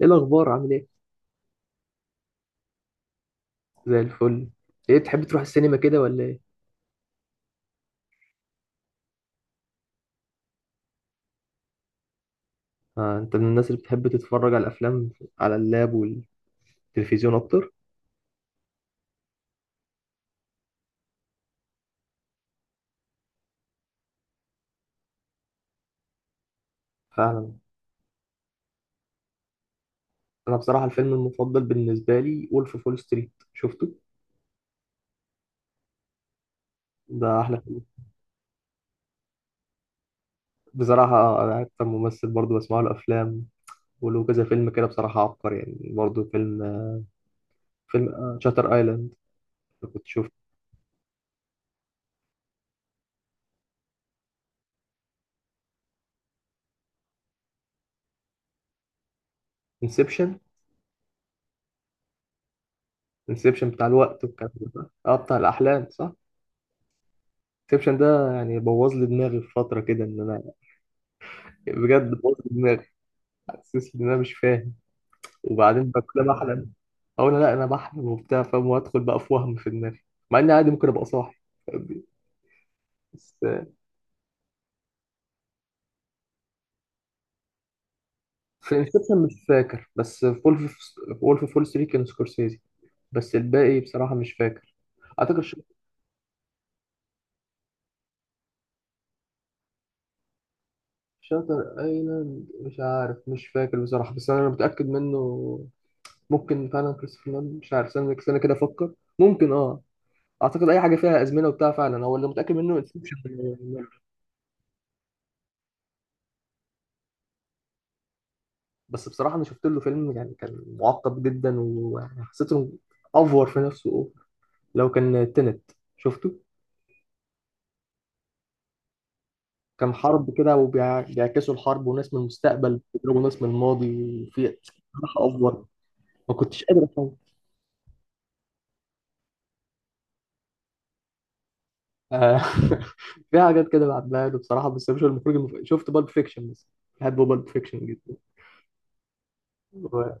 ايه الاخبار؟ عامل ايه؟ زي الفل. ايه تحب تروح السينما كده ولا ايه؟ آه انت من الناس اللي بتحب تتفرج على الافلام على اللاب والتلفزيون اكتر. فعلا. انا بصراحه الفيلم المفضل بالنسبه لي وولف فول ستريت، شفته. ده احلى فيلم بصراحه. انا اكتر ممثل برضو بسمع له افلام، وله كذا فيلم كده، بصراحه عبقري يعني. برضو فيلم شاتر ايلاند اللي كنت شفته. انسبشن انسبشن بتاع الوقت والكلام ده صح؟ اه، بتاع الاحلام صح. انسبشن ده يعني بوظ لي دماغي في فتره كده ان انا، بجد بوظ لي دماغي. حاسس ان انا مش فاهم. وبعدين بقى كل ما احلم اقول لا انا بحلم وبتاع فاهم، وادخل بقى في وهم في دماغي، مع اني عادي ممكن ابقى صاحي. بس في انسبشن مش فاكر، بس في وولف فول ستريت كان سكورسيزي. بس الباقي بصراحة مش فاكر. اعتقد شاتر ايلاند مش عارف، مش فاكر بصراحة، بس انا متأكد منه. ممكن فعلا كريستوفر نولان، مش عارف، استنى استنى كده افكر. ممكن اه. اعتقد اي حاجة فيها ازمنة وبتاع فعلا هو اللي متأكد منه انسبشن. بس بصراحة أنا شفت له فيلم يعني كان معقد جدا، ويعني حسيته أفور في نفسه، أوفر. لو كان تنت، شفته. كان حرب كده وبيعكسوا الحرب، وناس من المستقبل بيضربوا ناس من الماضي. وفي. بصراحة أفور، ما كنتش قادر أفهم. آه، في حاجات كده بعدها له بصراحة، بس مش المخرج شفت بالب فيكشن بس. بحب بالب فيكشن جدا. هو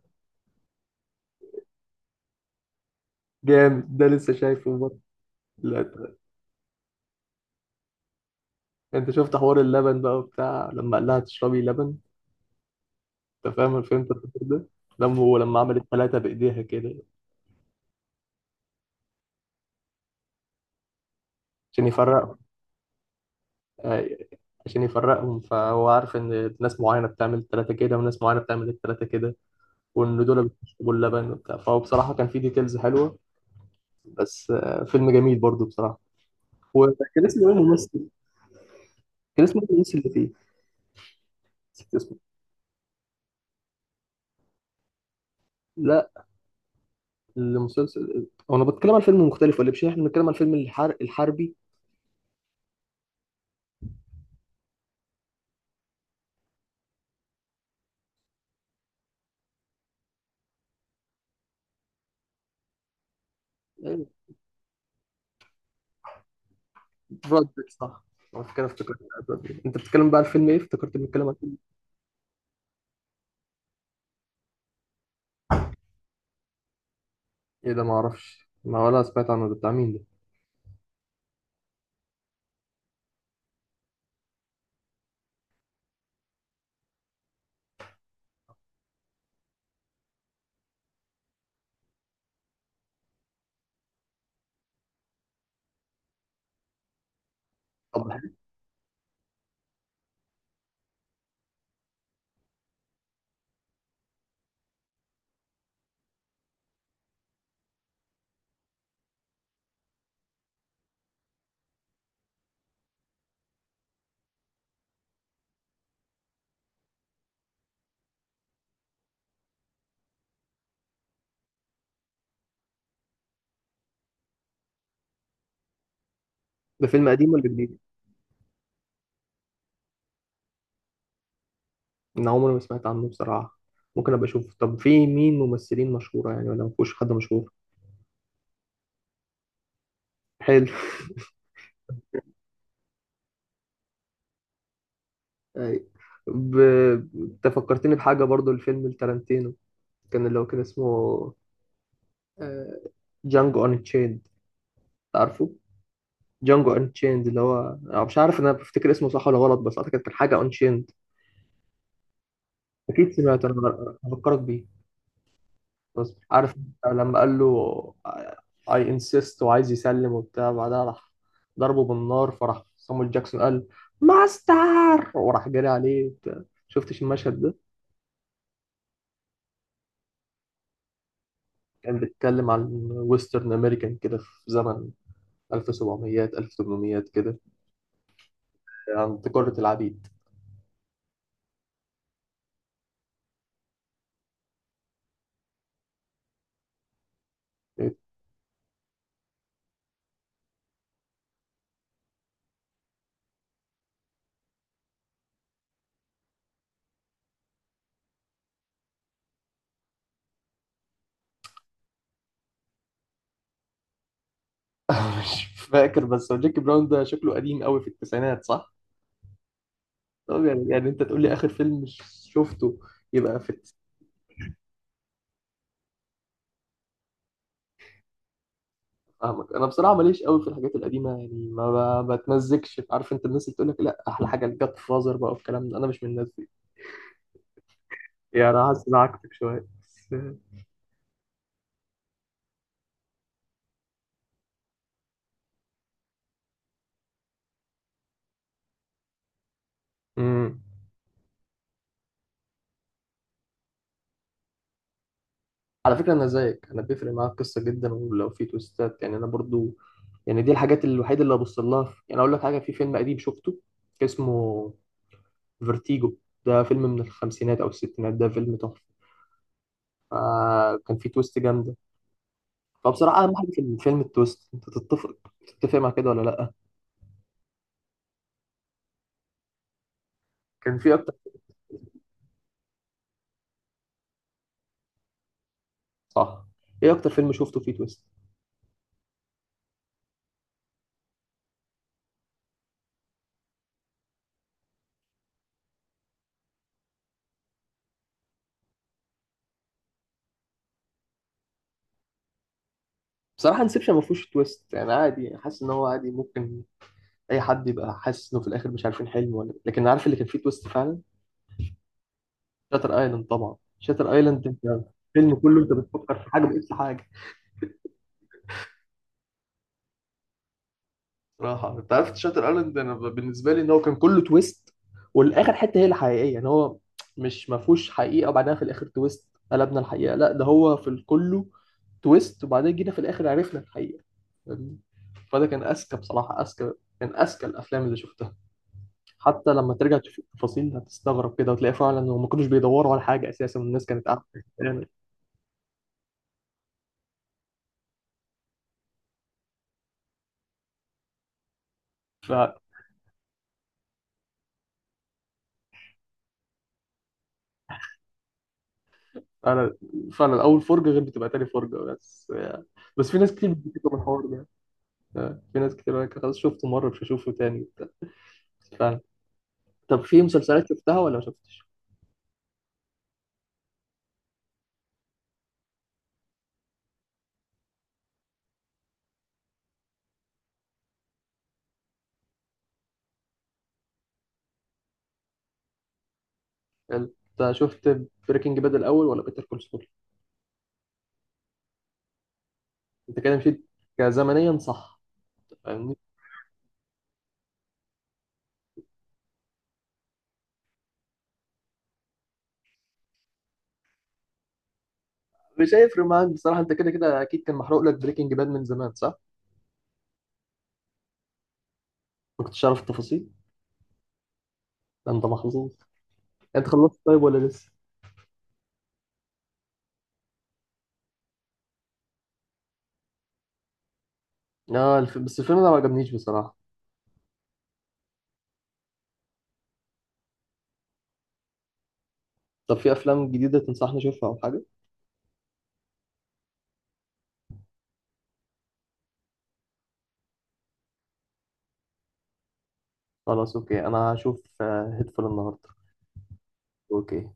جامد، ده لسه شايفه برضه. لا، أنت شفت حوار اللبن بقى وبتاع، لما قال لها تشربي لبن. انت فاهم أنا فهمت الفكرة ده؟ لما هو لما عمل الثلاثة بإيديها كده عشان يفرقهم. آه، عشان يفرقهم، فهو عارف إن ناس معينة بتعمل الثلاثة كده وناس معينة بتعمل الثلاثة كده، وإن دول بيشربوا اللبن وبتاع، فهو بصراحة كان فيه ديتيلز حلوة. بس فيلم جميل برضه بصراحة. وكان اسمه إيه الممثل؟ كان اسمه إيه الممثل اللي فيه؟ نسيت اسمه. لا، المسلسل هو أنا بتكلم عن فيلم مختلف، ولا مش إحنا بنتكلم عن فيلم الحربي؟ آه، براد بيت صح؟ أنا كده افتكرت. براد بيت. أنت بتتكلم بقى عن فيلم إيه؟ افتكرت بنتكلم عن. ايه ده؟ ما اعرفش، ما ولا سمعت عنه، ده بتاع مين ده؟ طب ده، فيلم قديم ولا جديد؟ انا عمري ما سمعت عنه بصراحة. ممكن ابقى اشوف. طب في مين ممثلين مشهورة يعني ولا مفيش حد مشهور؟ حلو. أي. ب... انت فكرتني بحاجة برضو، الفيلم التارانتينو، كان اللي هو كان اسمه جانجو ان تشيند، عارفه؟ جانجو ان تشيند، اللي هو أنا مش عارف انا بفتكر اسمه صح ولا غلط، بس اعتقد كان حاجة ان تشيند. اكيد سمعت، انا هفكرك بيه. بس عارف لما قال له I insist وعايز يسلم وبتاع، بعدها راح ضربه بالنار، فراح صامويل جاكسون قال ماستر وراح جري عليه وبتاع. شفتش المشهد ده؟ كان بيتكلم عن ويسترن امريكان كده في زمن 1700 1800 كده، عن تجارة العبيد. مش فاكر، بس هو جاكي براون ده شكله قديم قوي، في التسعينات صح؟ طب يعني, انت تقول لي اخر فيلم شفته يبقى في. فاهمك. انا بصراحه ماليش قوي في الحاجات القديمه يعني، ما بتمزجش. عارف انت الناس اللي بتقول لك لا احلى حاجه الجاد فازر بقى والكلام ده، انا مش من الناس دي. يعني انا حاسس إن أنا عكسك شويه بس. امم على فكره انا زيك، انا بيفرق معايا القصه جدا، ولو في تويستات يعني انا برضو، يعني دي الحاجات الوحيده اللي ببص لها يعني اقول لك حاجه، في فيلم قديم شفته اسمه فيرتيجو، ده فيلم من الخمسينات او الستينات، ده فيلم تحفه. آه كان فيه تويست جامده. فبصراحه اهم حاجه في الفيلم التويست، انت تتفق مع كده ولا لا؟ كان في. صح. ايه اكتر فيلم شفته فيه تويست؟ بصراحه انسبشن ما فيهوش تويست يعني، عادي يعني، حاسس ان هو عادي. ممكن اي حد يبقى حاسس انه في الاخر مش عارفين حلم ولا، لكن عارف اللي كان فيه تويست فعلا شاتر ايلاند. طبعا شاتر ايلاند انت، الفيلم كله انت بتفكر في حاجه بقيت في حاجه. صراحة انت عرفت شاتر ايلاند، انا بالنسبة لي ان هو كان كله تويست، والاخر حتة هي الحقيقية، ان هو مش، ما فيهوش حقيقة وبعدها في الاخر تويست قلبنا الحقيقة، لا ده هو في الكله تويست، وبعدين جينا في الاخر عرفنا الحقيقة. فاهمني؟ فده كان اذكى بصراحة. كان اذكى الافلام اللي شفتها. حتى لما ترجع تشوف التفاصيل هتستغرب كده، وتلاقي فعلا هم ما كانوش بيدوروا على حاجة اساسا، والناس كانت قاعدة بتتكلم. فعلا. فعلا اول فرجة غير بتبقى تاني فرجة بس. بس في ناس كتير بتشتكي من الحوار ده. في ناس كتير قالك خلاص شفته مرة مش هشوفه تاني وبتاع. فاهم. طب في مسلسلات شفتها ولا ما شفتش؟ يعني انت شفت بريكنج باد الأول ولا بيتر كول سول؟ انت كده مشيت كزمنيا صح؟ فاهمني؟ مش هيفرق معاك بصراحة، انت كده أكيد كان محروق لك بريكنج باد من زمان صح؟ ما كنتش عارف التفاصيل؟ ده انت محظوظ. انت خلصت طيب ولا لسه؟ اه بس الفيلم ده ما عجبنيش بصراحة. طب في أفلام جديدة تنصحني أشوفها أو حاجة؟ خلاص أوكي، أنا هشوف هيدفول النهاردة. أوكي.